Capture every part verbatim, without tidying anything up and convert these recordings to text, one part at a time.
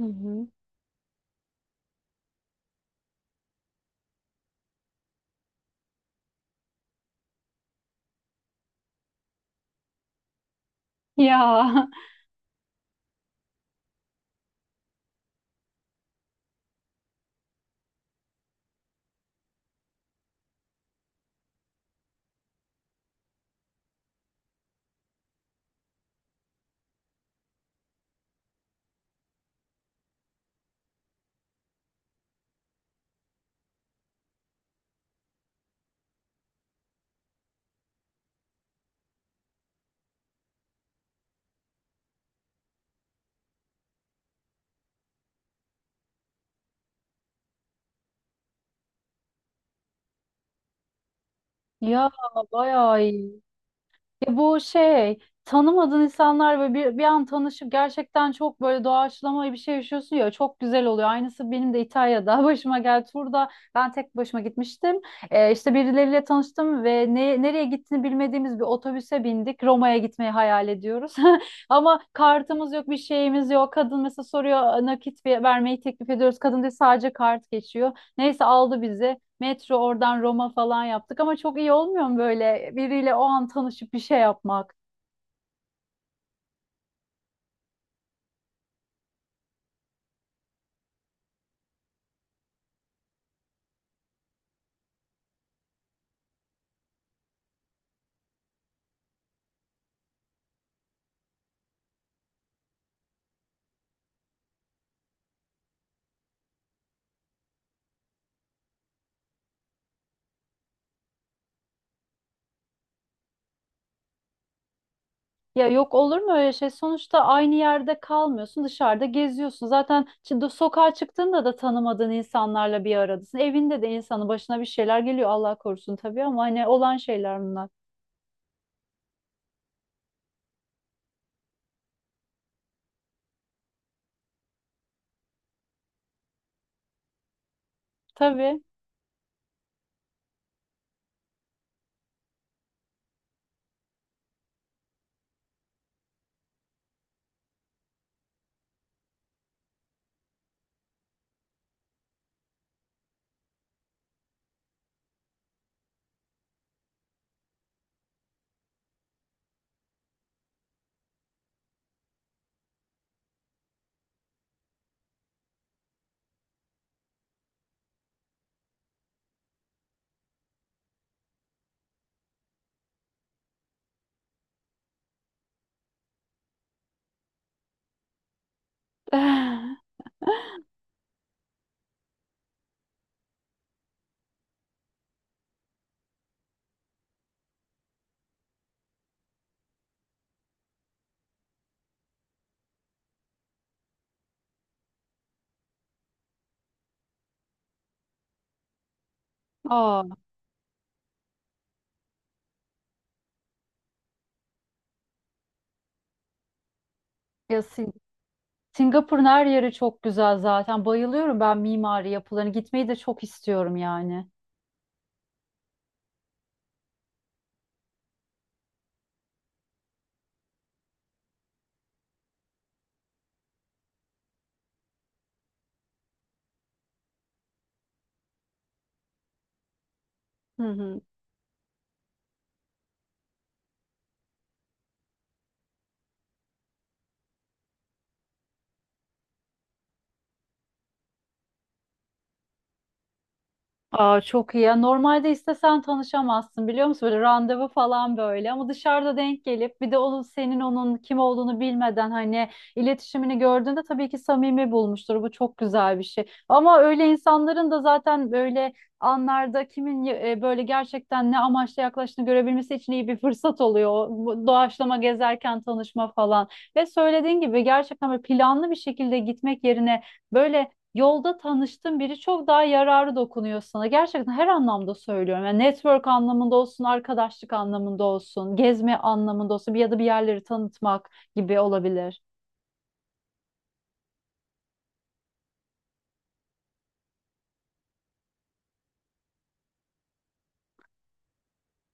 Hı hı. Ya ya bayağı iyi. Ya bu şey tanımadığın insanlar ve bir, bir an tanışıp gerçekten çok böyle doğaçlama bir şey yaşıyorsun ya çok güzel oluyor. Aynısı benim de İtalya'da başıma geldi. Turda ben tek başıma gitmiştim. Ee, işte birileriyle tanıştım ve ne, nereye gittiğini bilmediğimiz bir otobüse bindik. Roma'ya gitmeyi hayal ediyoruz. Ama kartımız yok, bir şeyimiz yok. Kadın mesela soruyor nakit ver- vermeyi teklif ediyoruz. Kadın diyor sadece kart geçiyor. Neyse aldı bizi. Metro oradan Roma falan yaptık ama çok iyi olmuyor mu böyle biriyle o an tanışıp bir şey yapmak? Ya yok olur mu öyle şey? Sonuçta aynı yerde kalmıyorsun, dışarıda geziyorsun. Zaten şimdi sokağa çıktığında da tanımadığın insanlarla bir aradasın. Evinde de insanın başına bir şeyler geliyor Allah korusun tabii ama hani olan şeyler bunlar. Tabii. Aa, ya Sin- Singapur'un her yeri çok güzel zaten. Bayılıyorum ben mimari yapılarını. Gitmeyi de çok istiyorum yani. Hı hı. Aa, çok iyi ya. Normalde istesen tanışamazsın biliyor musun? Böyle randevu falan böyle ama dışarıda denk gelip bir de onun senin onun kim olduğunu bilmeden hani iletişimini gördüğünde tabii ki samimi bulmuştur. Bu çok güzel bir şey. Ama öyle insanların da zaten böyle anlarda kimin e, böyle gerçekten ne amaçla yaklaştığını görebilmesi için iyi bir fırsat oluyor. Bu doğaçlama gezerken tanışma falan. Ve söylediğin gibi gerçekten böyle planlı bir şekilde gitmek yerine böyle yolda tanıştığın biri çok daha yararı dokunuyor sana. Gerçekten her anlamda söylüyorum. Yani network anlamında olsun, arkadaşlık anlamında olsun, gezme anlamında olsun bir ya da bir yerleri tanıtmak gibi olabilir.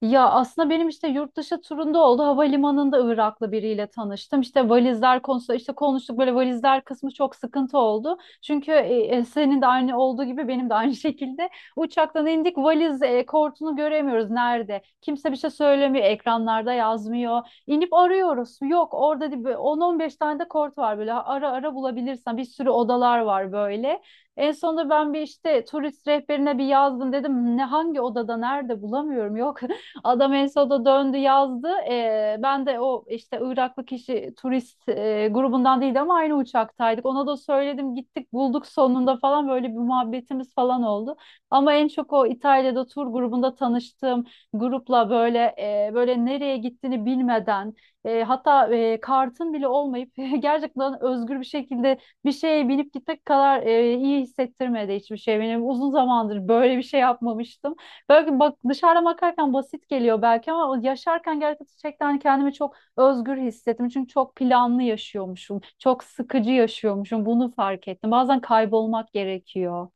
Ya aslında benim işte yurt dışı turunda oldu. Havalimanında Iraklı biriyle tanıştım. İşte valizler konusu işte konuştuk böyle valizler kısmı çok sıkıntı oldu. Çünkü e, e, senin de aynı olduğu gibi benim de aynı şekilde uçaktan indik valiz e, kortunu göremiyoruz nerede. Kimse bir şey söylemiyor. Ekranlarda yazmıyor. İnip arıyoruz. Yok orada değil, böyle on on beş tane de kort var böyle ara ara bulabilirsen bir sürü odalar var böyle. En sonunda ben bir işte turist rehberine bir yazdım dedim ne hangi odada nerede bulamıyorum. Yok, adam en sonunda döndü yazdı. Ee, ben de o işte Iraklı kişi turist e, grubundan değil ama aynı uçaktaydık. Ona da söyledim gittik bulduk sonunda falan böyle bir muhabbetimiz falan oldu. Ama en çok o İtalya'da tur grubunda tanıştığım grupla böyle e, böyle nereye gittiğini bilmeden e, hatta e, kartın bile olmayıp gerçekten özgür bir şekilde bir şeye binip gitmek kadar e, iyi hissettirmedi hiçbir şey. Benim uzun zamandır böyle bir şey yapmamıştım. Belki bak dışarıdan bakarken basit geliyor belki ama yaşarken gerçekten kendimi çok özgür hissettim. Çünkü çok planlı yaşıyormuşum. Çok sıkıcı yaşıyormuşum. Bunu fark ettim. Bazen kaybolmak gerekiyor.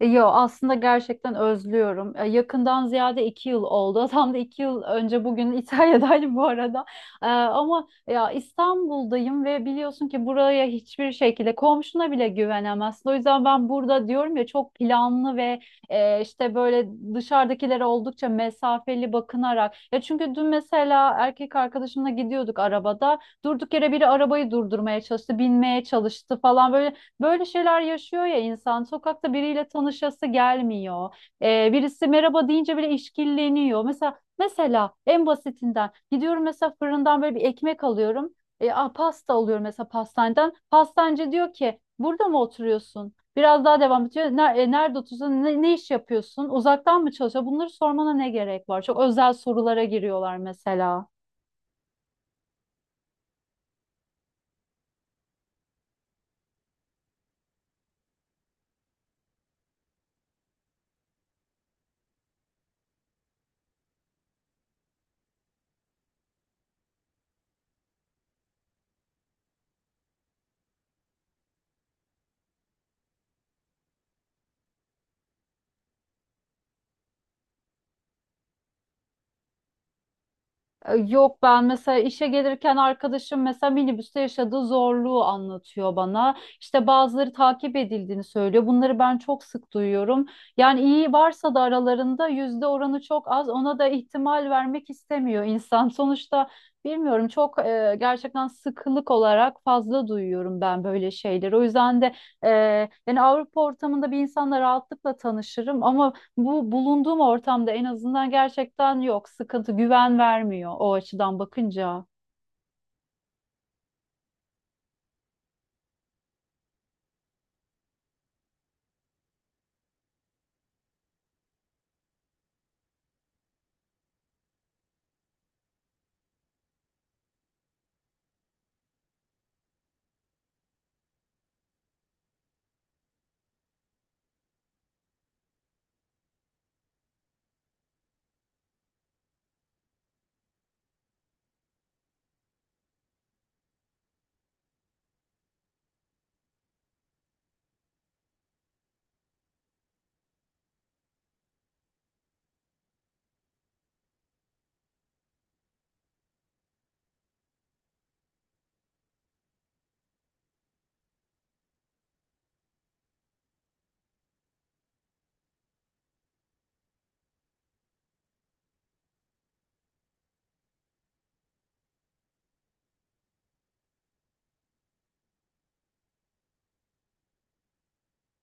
E, Yo, aslında gerçekten özlüyorum. E, Yakından ziyade iki yıl oldu. Tam da iki yıl önce bugün İtalya'daydım bu arada. E, ama ya İstanbul'dayım ve biliyorsun ki buraya hiçbir şekilde komşuna bile güvenemezsin. O yüzden ben burada diyorum ya çok planlı ve e, işte böyle dışarıdakilere oldukça mesafeli bakınarak. Ya çünkü dün mesela erkek arkadaşımla gidiyorduk arabada. Durduk yere biri arabayı durdurmaya çalıştı, binmeye çalıştı falan böyle. Böyle şeyler yaşıyor ya insan. Sokakta biriyle tanışası gelmiyor. Ee, birisi merhaba deyince bile işkilleniyor. Mesela mesela en basitinden gidiyorum mesela fırından böyle bir ekmek alıyorum. E, a, pasta alıyorum mesela pastaneden. Pastancı diyor ki burada mı oturuyorsun? Biraz daha devam ediyor. "Ner- e, Nerede oturuyorsun? Ne, ne iş yapıyorsun? Uzaktan mı çalışıyor? Bunları sormana ne gerek var? Çok özel sorulara giriyorlar mesela. E, Yok, ben mesela işe gelirken arkadaşım mesela minibüste yaşadığı zorluğu anlatıyor bana. İşte bazıları takip edildiğini söylüyor. Bunları ben çok sık duyuyorum. Yani iyi varsa da aralarında yüzde oranı çok az. Ona da ihtimal vermek istemiyor insan. Sonuçta bilmiyorum çok e, gerçekten sıkılık olarak fazla duyuyorum ben böyle şeyleri. O yüzden de e, yani Avrupa ortamında bir insanla rahatlıkla tanışırım ama bu bulunduğum ortamda en azından gerçekten yok. Sıkıntı, güven vermiyor o açıdan bakınca.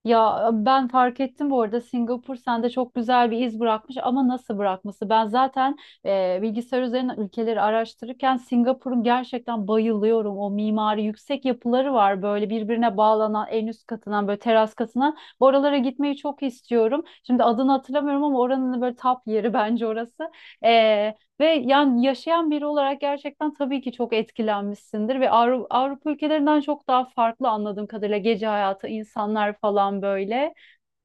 Ya ben fark ettim bu arada Singapur sende çok güzel bir iz bırakmış ama nasıl bırakması? Ben zaten e, bilgisayar üzerinden ülkeleri araştırırken Singapur'un gerçekten bayılıyorum. O mimari yüksek yapıları var böyle birbirine bağlanan en üst katından böyle teras katından. Oralara gitmeyi çok istiyorum. Şimdi adını hatırlamıyorum ama oranın böyle tap yeri bence orası. E, Ve yani yaşayan biri olarak gerçekten tabii ki çok etkilenmişsindir ve Avru- Avrupa ülkelerinden çok daha farklı anladığım kadarıyla gece hayatı, insanlar falan böyle.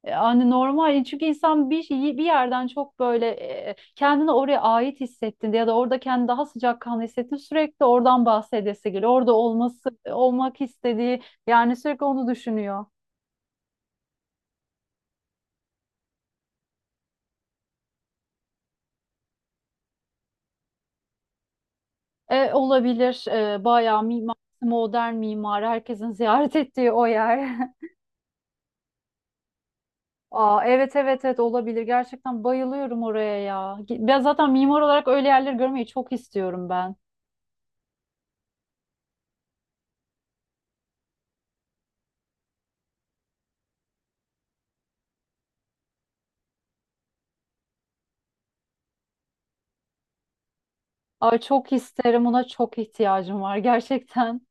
E, Hani normal çünkü insan bir şey- bir yerden çok böyle e, kendini oraya ait hissettiğinde ya da orada kendini daha sıcakkanlı hissettiğinde sürekli oradan bahsedesi geliyor. Orada olması olmak istediği yani sürekli onu düşünüyor. E, olabilir. E, bayağı mimar, modern mimarı herkesin ziyaret ettiği o yer. Aa, evet evet evet olabilir. Gerçekten bayılıyorum oraya ya. Ben zaten mimar olarak öyle yerleri görmeyi çok istiyorum ben. Ay çok isterim. Ona çok ihtiyacım var gerçekten.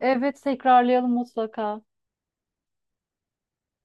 Evet, tekrarlayalım mutlaka.